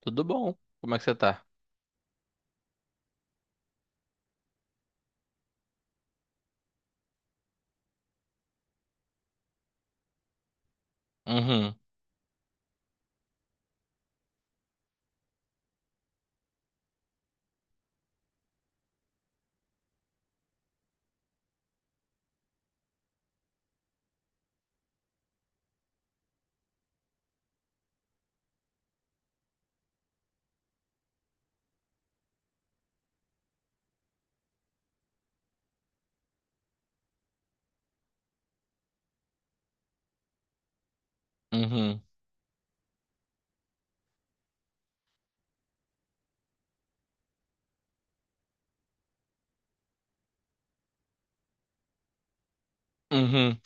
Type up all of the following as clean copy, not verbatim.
Tudo bom? Como é que você tá? Uhum, uhum, uhum,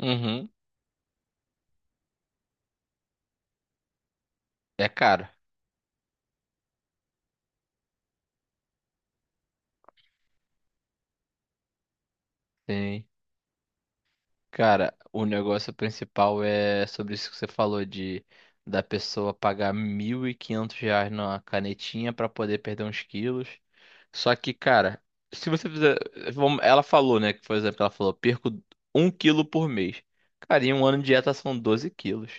uhum. É caro. Sim. Cara, o negócio principal é sobre isso que você falou de da pessoa pagar 1.500 reais numa canetinha pra poder perder uns quilos. Só que, cara, se você fizer. Vamos- Ela falou, né? Que, por exemplo, ela falou, perco 1 quilo por mês. Cara, em um ano de dieta são 12 quilos.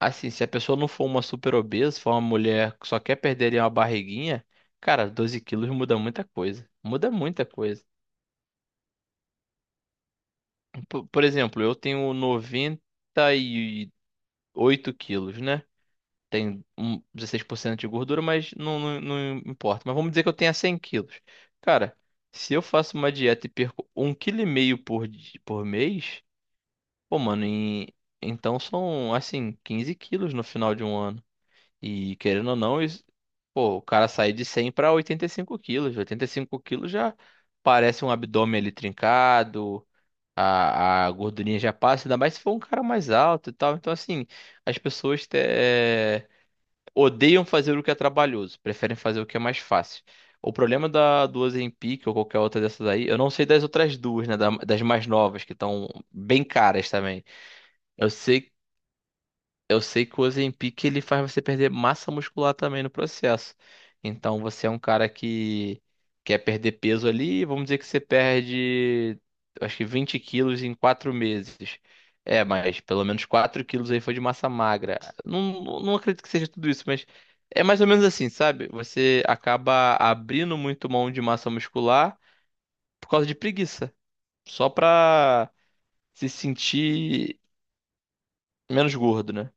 Assim, se a pessoa não for uma super obesa, for uma mulher que só quer perder ali uma barriguinha, cara, 12 quilos muda muita coisa. Muda muita coisa. Por exemplo, eu tenho 98 quilos, né? Tenho um 16% de gordura, mas não importa. Mas vamos dizer que eu tenha 100 quilos. Cara, se eu faço uma dieta e perco 1,5 kg por mês, pô, mano, então são, assim, 15 quilos no final de um ano. E querendo ou não, pô, o cara sair de 100 para 85 quilos. 85 quilos já parece um abdômen ali trincado, a gordurinha já passa, ainda mais se for um cara mais alto e tal. Então, assim, as pessoas odeiam fazer o que é trabalhoso, preferem fazer o que é mais fácil. O problema da, do Ozempic ou qualquer outra dessas aí, eu não sei das outras duas, né? Das mais novas, que estão bem caras também. Eu sei eu sei que o Ozempic ele faz você perder massa muscular também no processo. Então você é um cara que quer perder peso ali, vamos dizer que você perde, eu acho que 20 quilos em 4 meses. É, mas pelo menos 4 quilos aí foi de massa magra. Não, não acredito que seja tudo isso, mas é mais ou menos assim, sabe? Você acaba abrindo muito mão de massa muscular por causa de preguiça, só pra se sentir menos gordo, né?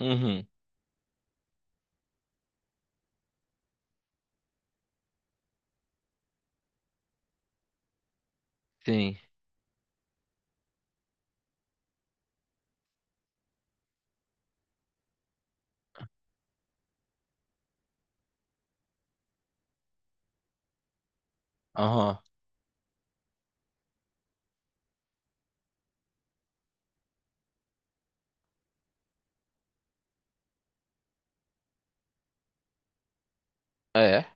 Uhum, sim. Aham. É,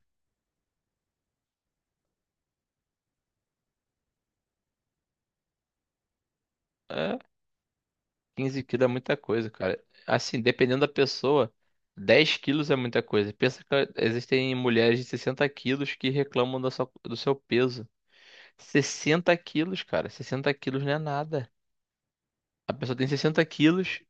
é, 15 quilos é muita coisa, cara. Assim, dependendo da pessoa, 10 quilos é muita coisa. Pensa que existem mulheres de 60 quilos que reclamam do seu peso. 60 quilos, cara. 60 quilos não é nada. A pessoa tem 60 quilos,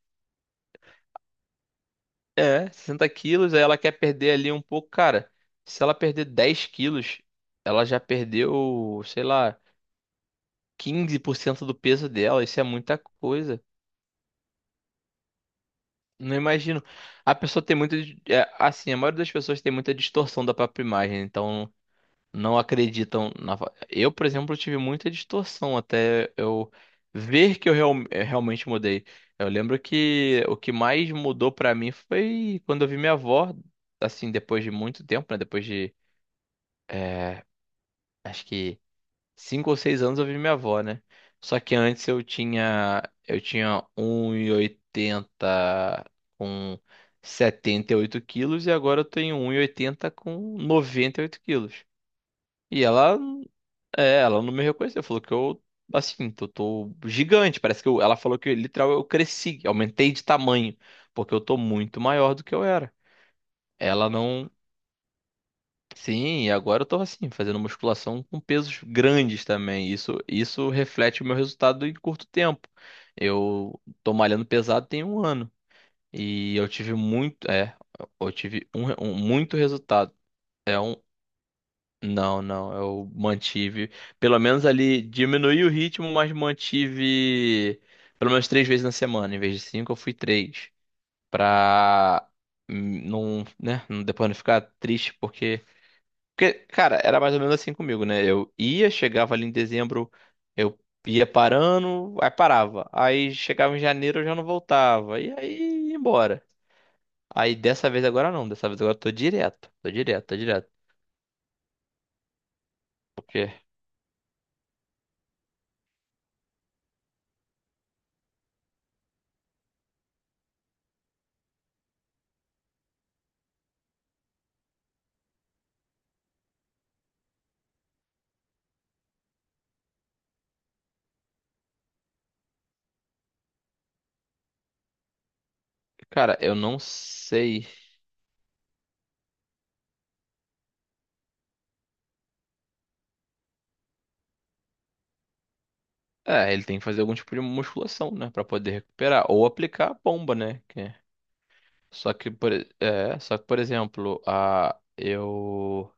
é, 60 quilos, aí ela quer perder ali um pouco. Cara, se ela perder 10 quilos, ela já perdeu, sei lá, 15% do peso dela. Isso é muita coisa. Não imagino. A maioria das pessoas tem muita distorção da própria imagem, então não acreditam na. Fa- Eu, por exemplo, tive muita distorção até eu ver que eu realmente mudei. Eu lembro que o que mais mudou pra mim foi quando eu vi minha avó, assim, depois de muito tempo, né? É, Acho que 5 ou 6 anos eu vi minha avó, né? Só que antes eu tinha 1,80 com 78 quilos e agora eu tenho 1,80 com 98 quilos. E ela, é, ela não me reconheceu, falou que eu, assim, eu tô gigante, parece que eu, ela falou que literal eu cresci, aumentei de tamanho, porque eu tô muito maior do que eu era. Ela não, Sim, e agora eu tô assim, fazendo musculação com pesos grandes também. Isso reflete o meu resultado em curto tempo. Eu tô malhando pesado tem um ano e eu tive eu tive muito resultado. É um, não, não, eu mantive, pelo menos ali diminui o ritmo, mas mantive pelo menos 3 vezes na semana. Em vez de 5, eu fui 3. Pra não, né, depois não ficar triste porque, cara, era mais ou menos assim comigo, né? Eu ia, chegava ali em dezembro, eu ia parando, aí parava. Aí chegava em janeiro, eu já não voltava. E aí ia embora. Aí dessa vez agora não, dessa vez agora eu tô direto, tô direto, tô direto. Porque, cara, eu não sei. É, ele tem que fazer algum tipo de musculação, né, pra poder recuperar ou aplicar a bomba, né? Só que por exemplo, a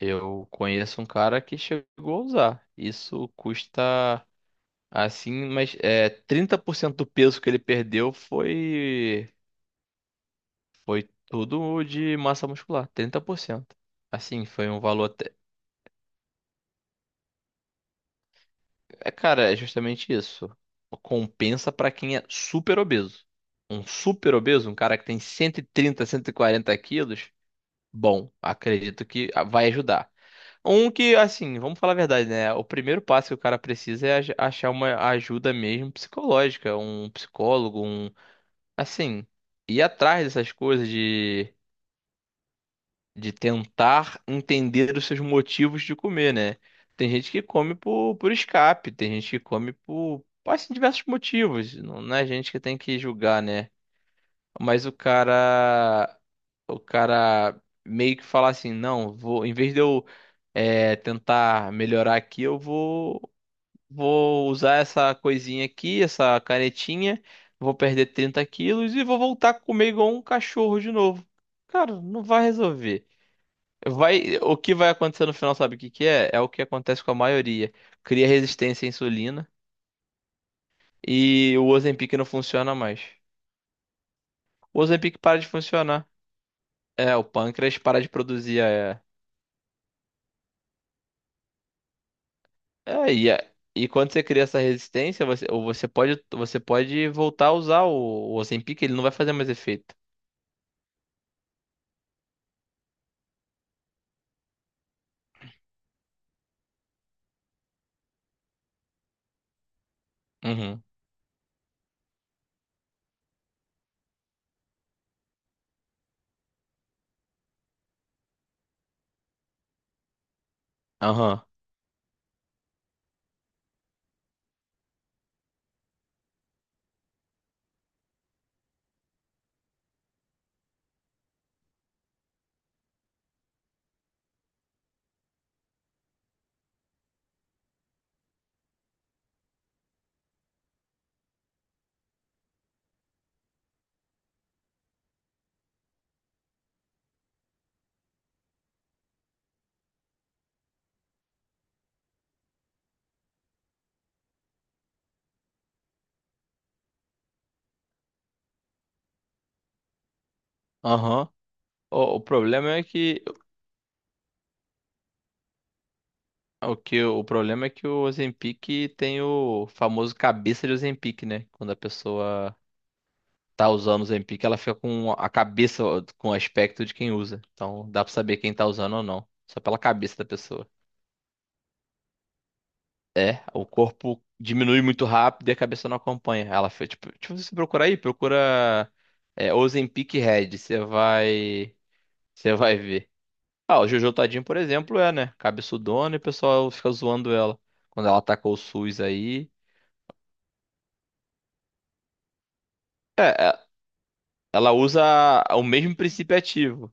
eu conheço um cara que chegou a usar. Isso custa Assim, mas é, 30% do peso que ele perdeu foi tudo de massa muscular, 30%, assim, foi um valor até... É, cara, é justamente isso. Compensa pra quem é super obeso. Um super obeso, um cara que tem cento e quarenta quilos, bom, acredito que vai ajudar. Um que, assim, vamos falar a verdade, né? O primeiro passo que o cara precisa é achar uma ajuda mesmo psicológica, um psicólogo, Assim, ir atrás dessas coisas de tentar entender os seus motivos de comer, né? Tem gente que come por escape, tem gente que come por assim, diversos motivos. Não, não é a gente que tem que julgar, né? Mas o cara meio que fala assim, não, vou, em vez de tentar melhorar aqui, eu vou vou usar essa coisinha aqui, essa canetinha. Vou perder 30 quilos e vou voltar a comer igual um cachorro de novo. Cara, não vai resolver. Vai, o que vai acontecer no final, sabe o que que é? É o que acontece com a maioria. Cria resistência à insulina e o Ozempic não funciona mais. O Ozempic para de funcionar. É, o pâncreas para de produzir e, e quando você cria essa resistência, você, ou você pode voltar a usar o Ozempic, ele não vai fazer mais efeito. Uhum. Aham. Aham. O, o problema é que o que o problema é que o Ozempic tem o famoso cabeça de Ozempic, né? Quando a pessoa tá usando o Ozempic, ela fica com a cabeça com o aspecto de quem usa. Então dá pra saber quem tá usando ou não, só pela cabeça da pessoa. É, o corpo diminui muito rápido e a cabeça não acompanha. Ela foi tipo, tipo Você procurar aí, Ozempic Head, você vai ver. Ah, o Jojo Tadinho, por exemplo, é, né? Cabeçudona e o pessoal fica zoando ela. Quando ela atacou o SUS aí. É, é, ela usa o mesmo princípio ativo.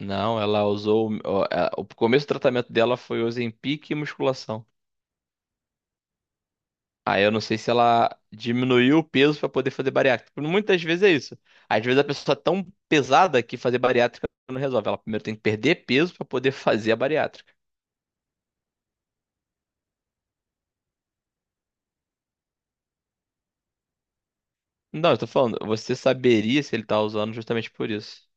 Não, ela usou. O começo do tratamento dela foi Ozempic e musculação. Aí eu não sei se ela diminuiu o peso pra poder fazer bariátrica. Porque muitas vezes é isso. Às vezes a pessoa é tão pesada que fazer bariátrica não resolve. Ela primeiro tem que perder peso pra poder fazer a bariátrica. Não, eu tô falando, você saberia se ele tá usando justamente por isso.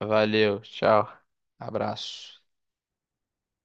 Valeu, tchau. Abraço.